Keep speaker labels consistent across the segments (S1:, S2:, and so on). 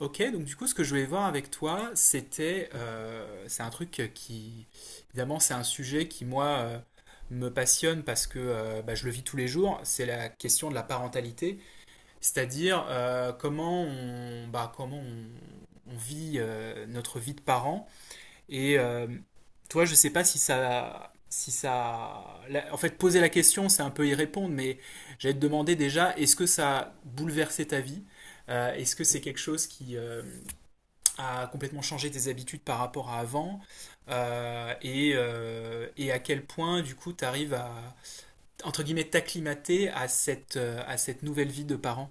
S1: Ok, donc du coup, ce que je voulais voir avec toi, c'était, c'est un truc qui, évidemment, c'est un sujet qui, moi, me passionne parce que bah, je le vis tous les jours, c'est la question de la parentalité, c'est-à-dire comment on, bah, comment on vit notre vie de parent. Et toi, je sais pas si ça, si ça, en fait, poser la question, c'est un peu y répondre, mais j'allais te demander déjà, est-ce que ça a bouleversé ta vie? Est-ce que c'est quelque chose qui, à complètement changer tes habitudes par rapport à avant et à quel point du coup tu arrives à entre guillemets t'acclimater à cette nouvelle vie de parent.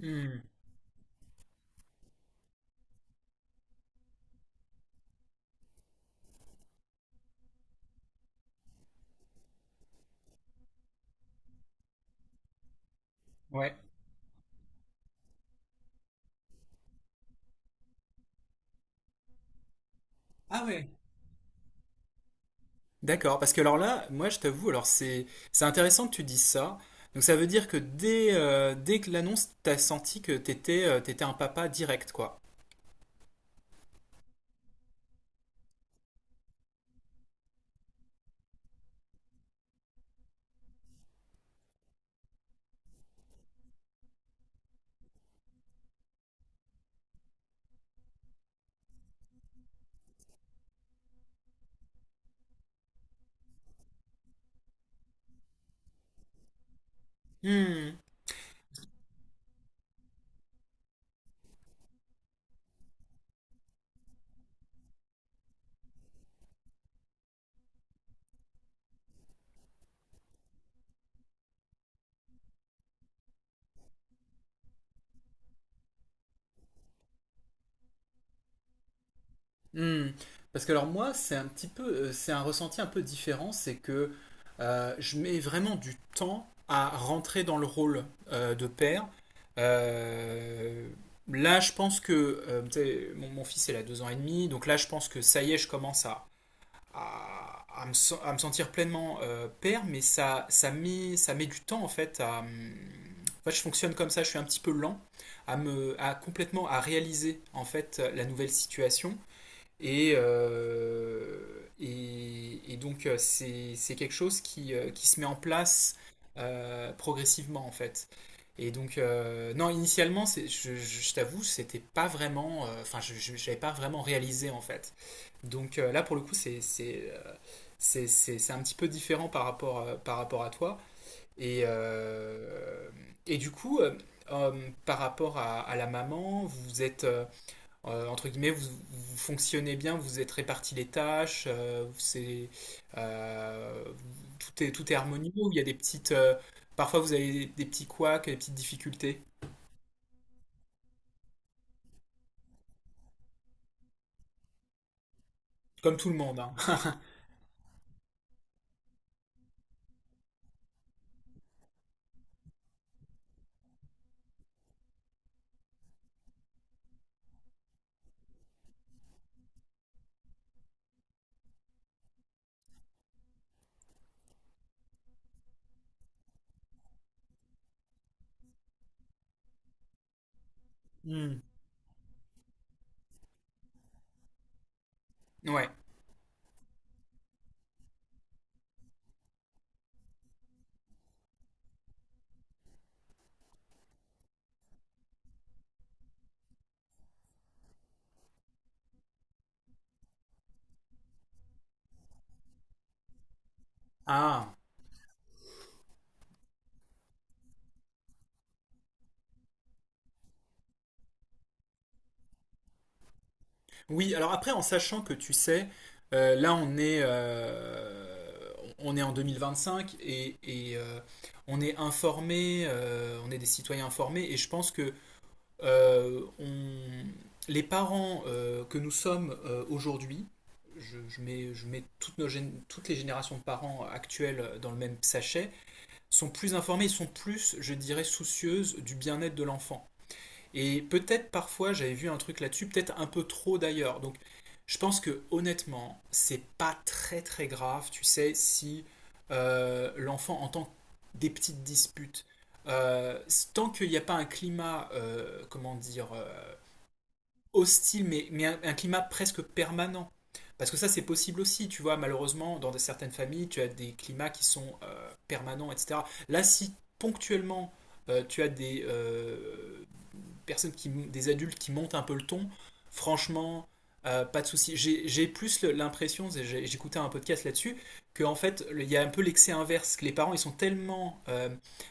S1: Hmm, ouais. Ah ouais. D'accord, parce que alors là, moi je t'avoue, alors c'est intéressant que tu dises ça. Donc ça veut dire que dès que l'annonce, t'as senti que t'étais un papa direct, quoi. Hmm. Hmm. Parce que alors moi, c'est un petit peu, c'est un ressenti un peu différent, c'est que je mets vraiment du temps à rentrer dans le rôle de père. Euh, Là, je pense que tu sais, mon fils, il a deux ans et demi, donc là, je pense que ça y est, je commence à me sentir pleinement père, mais ça met du temps en fait à. En fait, je fonctionne comme ça, je suis un petit peu lent à me, à complètement à réaliser en fait la nouvelle situation. Et, euh, et donc, euh, c'est quelque chose qui se met en place progressivement, en fait. Et donc, non, initialement, je t'avoue, c'était pas vraiment. Enfin, j'avais pas vraiment réalisé, en fait. Donc là, pour le coup, c'est un petit peu différent par rapport à toi. Et, euh, et du coup, euh, par rapport à la maman, vous êtes. Entre guillemets, vous fonctionnez bien, vous êtes répartis les tâches, c'est, euh, tout est harmonieux, ou il y a des petites, parfois vous avez des petits couacs, des petites difficultés, comme tout le monde, hein. Hmm. Ouais. Ah. Oui, alors après, en sachant que tu sais, là on est en 2025 et on est informé, on est des citoyens informés et je pense que euh, on- les parents que nous sommes aujourd'hui, je mets toutes, toutes les générations de parents actuelles dans le même sachet, sont plus informés, sont plus, je dirais, soucieuses du bien-être de l'enfant. Et peut-être parfois j'avais vu un truc là-dessus, peut-être un peu trop d'ailleurs. Donc je pense que honnêtement, c'est pas très très grave, tu sais, si l'enfant entend des petites disputes. Euh, Tant qu'il n'y a pas un climat, comment dire, hostile, mais un climat presque permanent. Parce que ça, c'est possible aussi, tu vois, malheureusement, dans certaines familles, tu as des climats qui sont permanents, etc. Là, si ponctuellement, tu as des, personnes qui, des adultes qui montent un peu le ton, franchement, pas de souci. J'ai plus l'impression, j'ai, j'écoutais un podcast là-dessus, qu'en fait, il y a un peu l'excès inverse, que les parents, ils sont tellement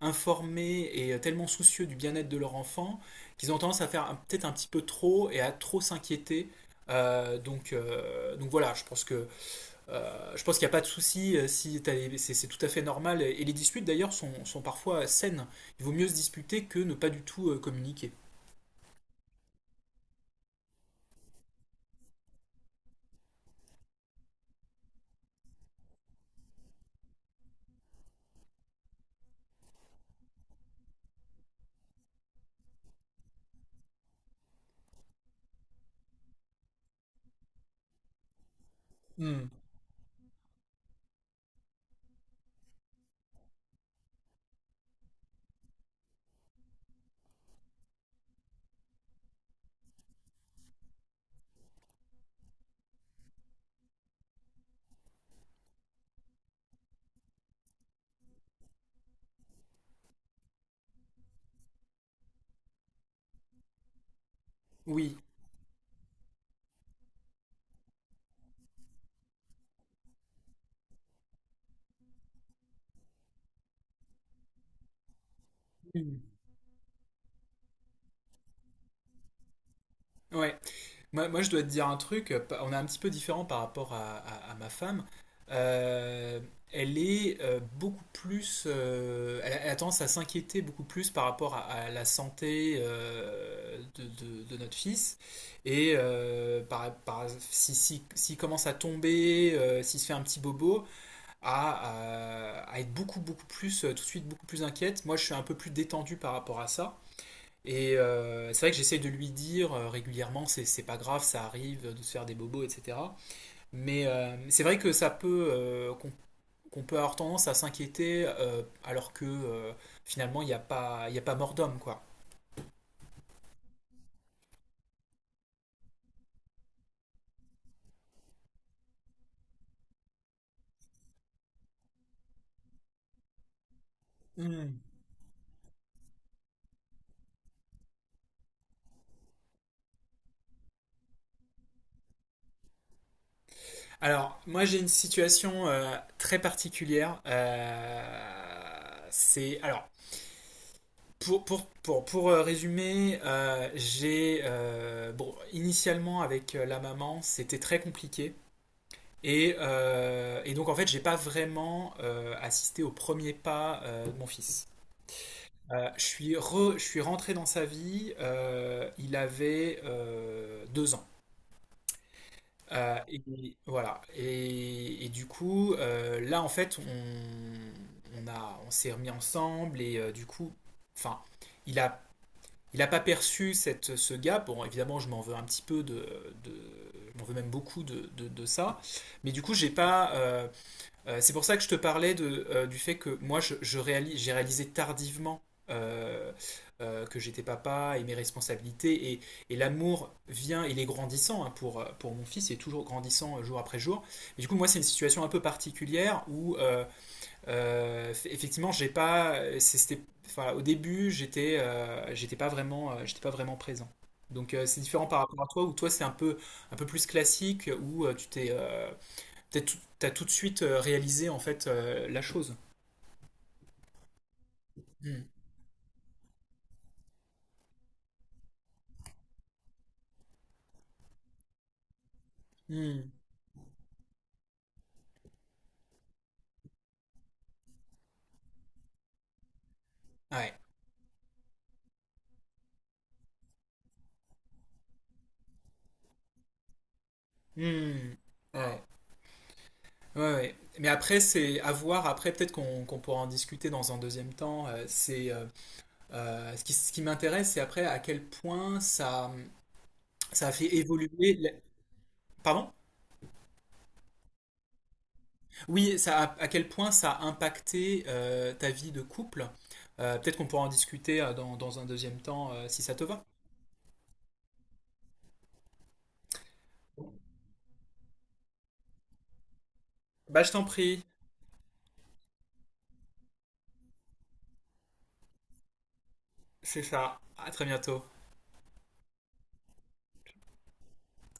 S1: informés et tellement soucieux du bien-être de leur enfant, qu'ils ont tendance à faire un, peut-être un petit peu trop et à trop s'inquiéter. Donc donc voilà, je pense que je pense qu'il n'y a pas de souci. Si c'est tout à fait normal. Et les disputes d'ailleurs sont, sont, parfois saines. Il vaut mieux se disputer que ne pas du tout communiquer. Hmm. Oui. Mm. Ouais. Moi, je dois te dire un truc. On est un petit peu différent par rapport à, à ma femme. Euh, Elle est beaucoup plus. Elle a tendance à s'inquiéter beaucoup plus par rapport à la santé de notre fils. Et si, s'il commence à tomber, s'il se fait un petit bobo, à être beaucoup, beaucoup plus, tout de suite beaucoup plus inquiète. Moi, je suis un peu plus détendu par rapport à ça. Et c'est vrai que j'essaie de lui dire régulièrement, c'est pas grave, ça arrive de se faire des bobos, etc. Mais c'est vrai que ça peut, euh, qu'on peut avoir tendance à s'inquiéter alors que finalement il n'y a pas, il y a pas mort d'homme, quoi. Hmm. Alors, moi j'ai une situation très particulière. C'est alors pour résumer, j'ai bon initialement avec la maman c'était très compliqué. Et donc en fait, j'ai pas vraiment assisté au premier pas de mon fils. Je suis rentré dans sa vie. Il avait deux ans. Et voilà. Et du coup, là en fait, on s'est remis ensemble et du coup, enfin, il a, il a pas perçu cette, ce gap. Bon, évidemment, je m'en veux un petit peu de, je m'en veux même beaucoup de ça. Mais du coup, j'ai pas, c'est pour ça que je te parlais de, du fait que moi, j'ai réalisé tardivement euh, que j'étais papa et mes responsabilités. Et l'amour vient, il est grandissant hein, pour mon fils, il est toujours grandissant jour après jour. Mais du coup, moi, c'est une situation un peu particulière où, effectivement, j'ai pas, enfin, au début, j'étais j'étais pas vraiment présent. Donc, c'est différent par rapport à toi, où toi, c'est un peu plus classique, où tu t'es, t'as tout, t'as tout de suite réalisé en fait la chose. Hmm. Hmm. Ouais. Hmm. Ouais. Ouais, ouais. Mais après, c'est à voir. Après, peut-être qu'on pourra en discuter dans un deuxième temps. C'est ce qui m'intéresse, c'est après à quel point ça a fait évoluer. Pardon? Oui, ça a- à quel point ça a impacté ta vie de couple. Peut-être qu'on pourra en discuter dans, dans un deuxième temps si ça te va. Bah, je t'en prie. C'est ça. À très bientôt.